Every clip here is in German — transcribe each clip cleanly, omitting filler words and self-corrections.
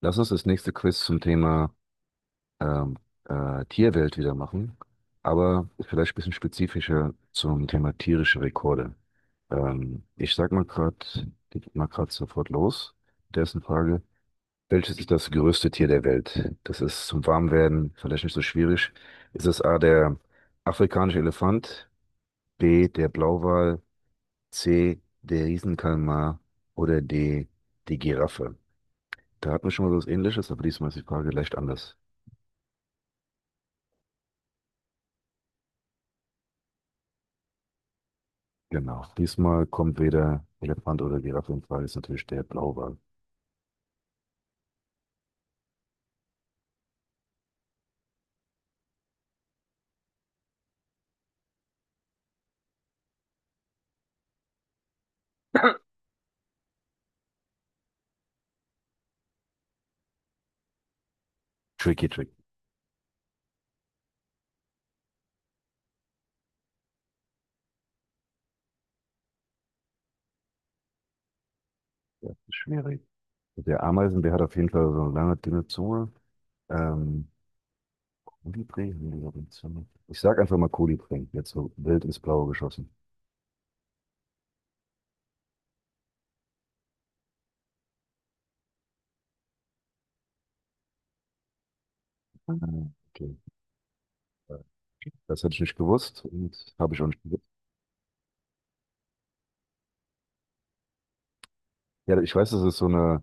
Lass uns das nächste Quiz zum Thema ähm, Tierwelt wieder machen, aber vielleicht ein bisschen spezifischer zum Thema tierische Rekorde. Ich sag mal gerade, geht mal gerade sofort los. Der ist eine Frage. Welches ist das größte Tier der Welt? Das ist zum Warmwerden vielleicht nicht so schwierig. Ist es A, der afrikanische Elefant, B, der Blauwal, C, der Riesenkalmar oder D, die Giraffe? Da hatten wir schon mal was Ähnliches, aber diesmal ist die Frage leicht anders. Genau. Diesmal kommt weder Elefant oder Giraffe in Frage, ist natürlich der Blauwal. Tricky, tricky. Ja, schwierig. Der Ameisenbär hat auf jeden Fall so eine lange, dünne Zunge. Ähm, Kolibri? Nee, die hat eine Zunge. Ich sag einfach mal Kolibri. Jetzt so wild ins Blaue geschossen. Ah, okay. Das hätte ich nicht gewusst und habe ich auch nicht gewusst. Ja, ich weiß, das ist so eine,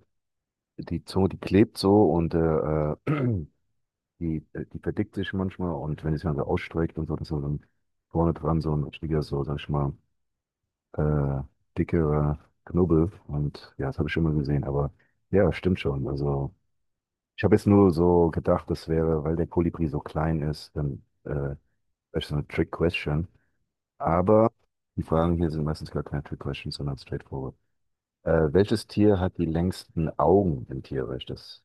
die Zunge, die klebt so und die, die verdickt sich manchmal und wenn es dann so ausstreckt und so, dann ist so ein, vorne dran so ein richtiger, so, sag ich mal, äh, dickere Knubbel. Und ja, das habe ich schon mal gesehen. Aber ja, stimmt schon. Also ich habe jetzt nur so gedacht, das wäre, weil der Kolibri so klein ist, dann wäre das ist so eine Trick-Question. Aber die Fragen hier sind meistens gar keine Trick-Questions, sondern straightforward. Welches Tier hat die längsten Augen im Tierreich? Das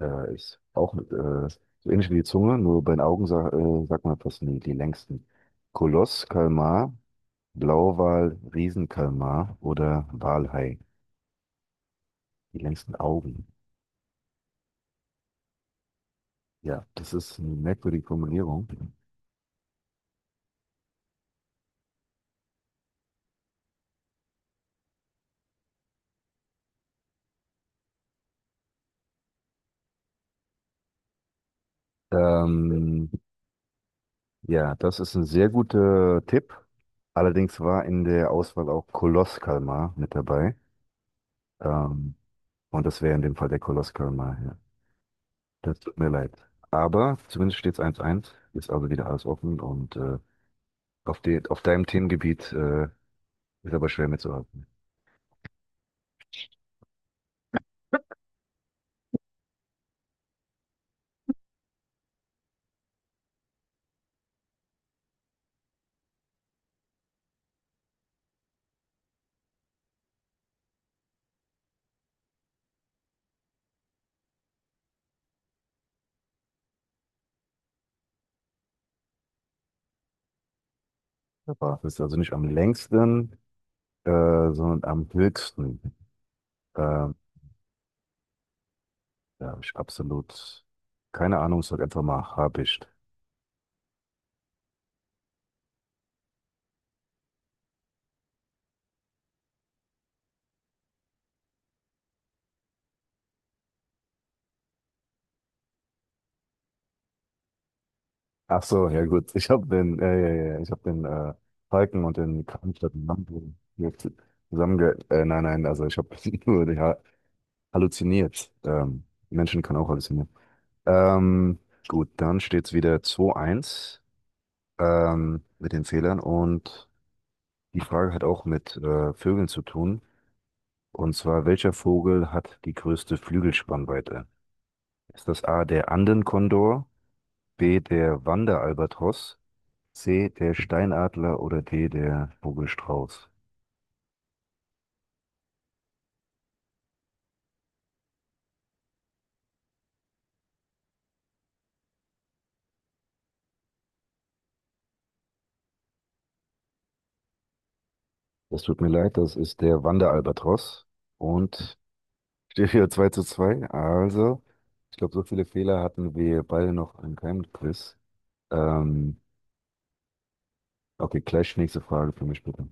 ist auch so ähnlich wie die Zunge, nur bei den Augen sa sagt man fast nie die längsten. Koloss, Kalmar, Blauwal, Riesenkalmar oder Walhai? Die längsten Augen. Ja, das ist eine merkwürdige Formulierung. Ähm, ja, das ist ein sehr guter Tipp. Allerdings war in der Auswahl auch Koloskalmar mit dabei. Ähm, und das wäre in dem Fall der Koloskalmar. Ja. Das tut mir leid. Aber zumindest steht es 1:1. Ist also wieder alles offen. Und auf, de auf deinem Themengebiet ist aber schwer mitzuhalten. Das ist also nicht am längsten, äh, sondern am höchsten. Ähm, Da habe ich absolut keine Ahnung, sag einfach mal, hab ich. Ach so, ja gut, ich habe den, ja, ja, ja, ja, ich habe den Falken und den Kampfstadt Lambo zusammenge... nein, nein, also ich habe nur die ha halluziniert. Menschen können auch halluzinieren. Ähm, gut, dann steht es wieder 2:1, mit den Fehlern, und die Frage hat auch mit Vögeln zu tun. Und zwar, welcher Vogel hat die größte Flügelspannweite? Ist das A, der Andenkondor? B, der Wanderalbatros, C, der Steinadler oder D, der Vogelstrauß. Das tut mir leid, das ist der Wanderalbatros und steht hier 2:2. Also, ich glaube, so viele Fehler hatten wir beide noch in keinem Quiz. Ähm, okay, gleich nächste Frage für mich bitte.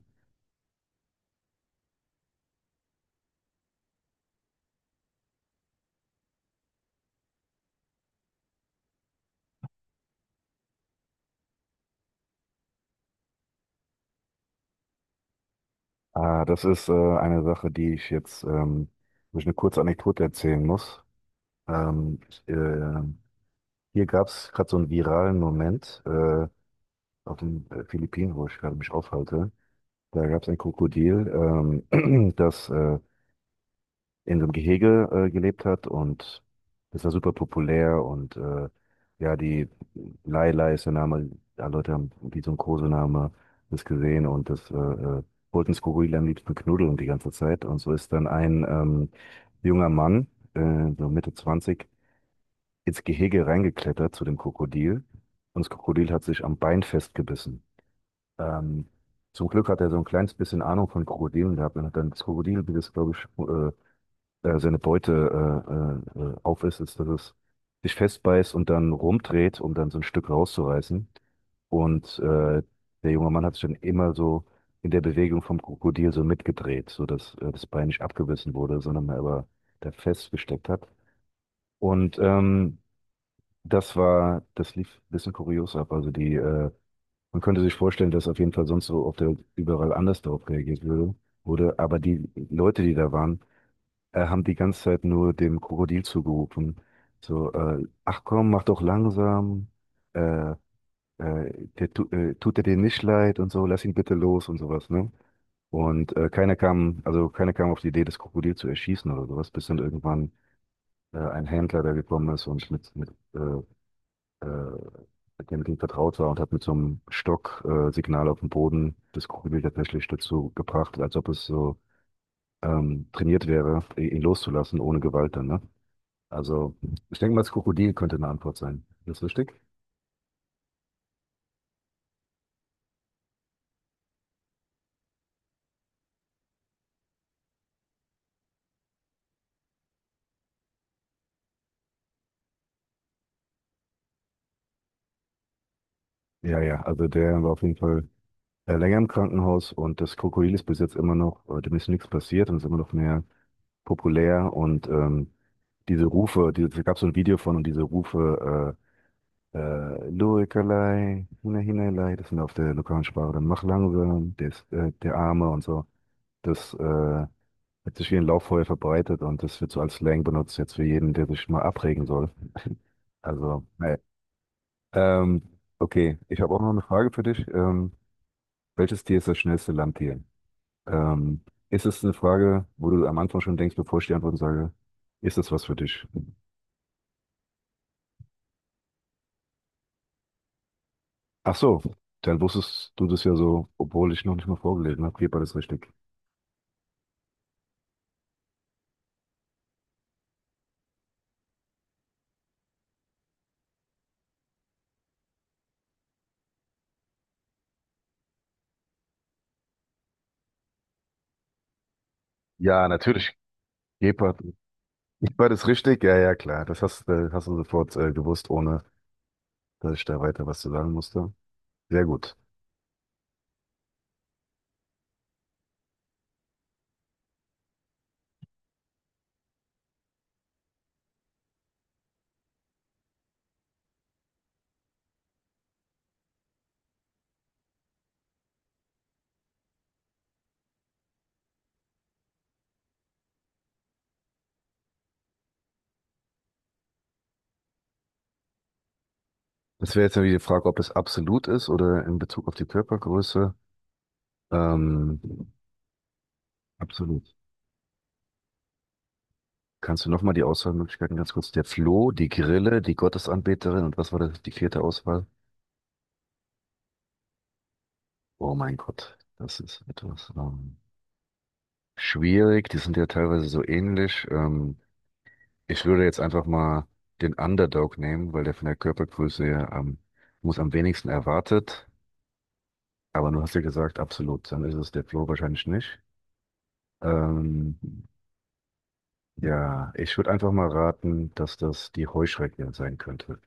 Ah, das ist eine Sache, die ich jetzt, wo ich eine kurze Anekdote erzählen muss. Ich, hier gab es gerade so einen viralen Moment auf den Philippinen, wo ich gerade mich aufhalte. Da gab es ein Krokodil, das in so einem Gehege gelebt hat, und das war super populär und ja, die Laila ist der Name, ja, Leute haben wie so ein Kosename das gesehen und das wollten das Krokodil am liebsten knuddeln die ganze Zeit, und so ist dann ein junger Mann, so Mitte zwanzig, ins Gehege reingeklettert zu dem Krokodil, und das Krokodil hat sich am Bein festgebissen. Ähm, Zum Glück hat er so ein kleines bisschen Ahnung von Krokodilen gehabt und hat dann das Krokodil, wie das, glaube ich, seine Beute aufisst, ist, dass es sich festbeißt und dann rumdreht, um dann so ein Stück rauszureißen. Und der junge Mann hat sich dann immer so in der Bewegung vom Krokodil so mitgedreht, sodass das Bein nicht abgebissen wurde, sondern man aber da festgesteckt hat. Und das war, das lief ein bisschen kurios ab. Also die man könnte sich vorstellen, dass auf jeden Fall sonst so auf der Welt überall anders darauf reagiert würde, wurde. Aber die Leute, die da waren, haben die ganze Zeit nur dem Krokodil zugerufen. So, ach komm, mach doch langsam. Äh, der, tut er dir nicht leid und so, lass ihn bitte los und sowas, ne? Und keiner kam, also keiner kam auf die Idee, das Krokodil zu erschießen oder sowas, bis dann irgendwann ein Händler da gekommen ist und äh, mit dem Ding vertraut war und hat mit so einem Stock Signal auf dem Boden das Krokodil tatsächlich dazu gebracht, als ob es so trainiert wäre, ihn loszulassen ohne Gewalt dann, ne? Also ich denke mal, das Krokodil könnte eine Antwort sein. Ist das richtig? Ja, ja, also der war auf jeden Fall länger im Krankenhaus, und das Krokodil ist bis jetzt immer noch, dem ist nichts passiert, und ist immer noch mehr populär und diese Rufe, die, da gab so ein Video von, und diese Rufe, Luikerlei, Hine Hinelei, das sind auf der lokalen Sprache dann Machlangwürm, der, ist, der Arme und so. Das hat sich wie ein Lauffeuer verbreitet, und das wird so als Slang benutzt jetzt für jeden, der sich mal abregen soll. Also, naja. Okay, ich habe auch noch eine Frage für dich. Welches Tier ist das schnellste Landtier? Ähm, Ist es eine Frage, wo du am Anfang schon denkst, bevor ich die Antworten sage, ist das was für dich? Ach so, dann wusstest du das ja so, obwohl ich noch nicht mal vorgelesen habe. Hier war das richtig. Ja, natürlich. Gepard. Ich war das richtig? Ja, ja, klar. Das hast, hast du sofort gewusst, ohne dass ich da weiter was zu sagen musste. Sehr gut. Das wäre jetzt irgendwie die Frage, ob es absolut ist oder in Bezug auf die Körpergröße. Ähm, absolut. Kannst du nochmal die Auswahlmöglichkeiten ganz kurz? Der Floh, die Grille, die Gottesanbeterin und was war das, die vierte Auswahl? Oh mein Gott, das ist etwas schwierig. Die sind ja teilweise so ähnlich. Ich würde jetzt einfach mal den Underdog nehmen, weil der von der Körpergröße her am, muss am wenigsten erwartet. Aber du hast ja gesagt, absolut, dann ist es der Flo wahrscheinlich nicht. Ähm, ja, ich würde einfach mal raten, dass das die Heuschrecke sein könnte.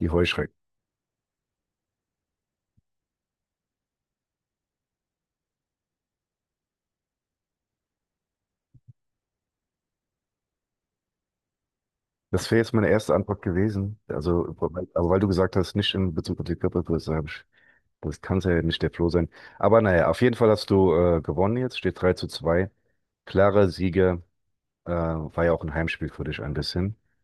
Die Heuschrecke. Das wäre jetzt meine erste Antwort gewesen. Also, aber weil du gesagt hast, nicht in Bezug auf die Körpergröße, habe ich, das kann es ja nicht der Flo sein. Aber naja, auf jeden Fall hast du gewonnen jetzt, steht 3:2. Klarer Sieger. War ja auch ein Heimspiel für dich ein bisschen.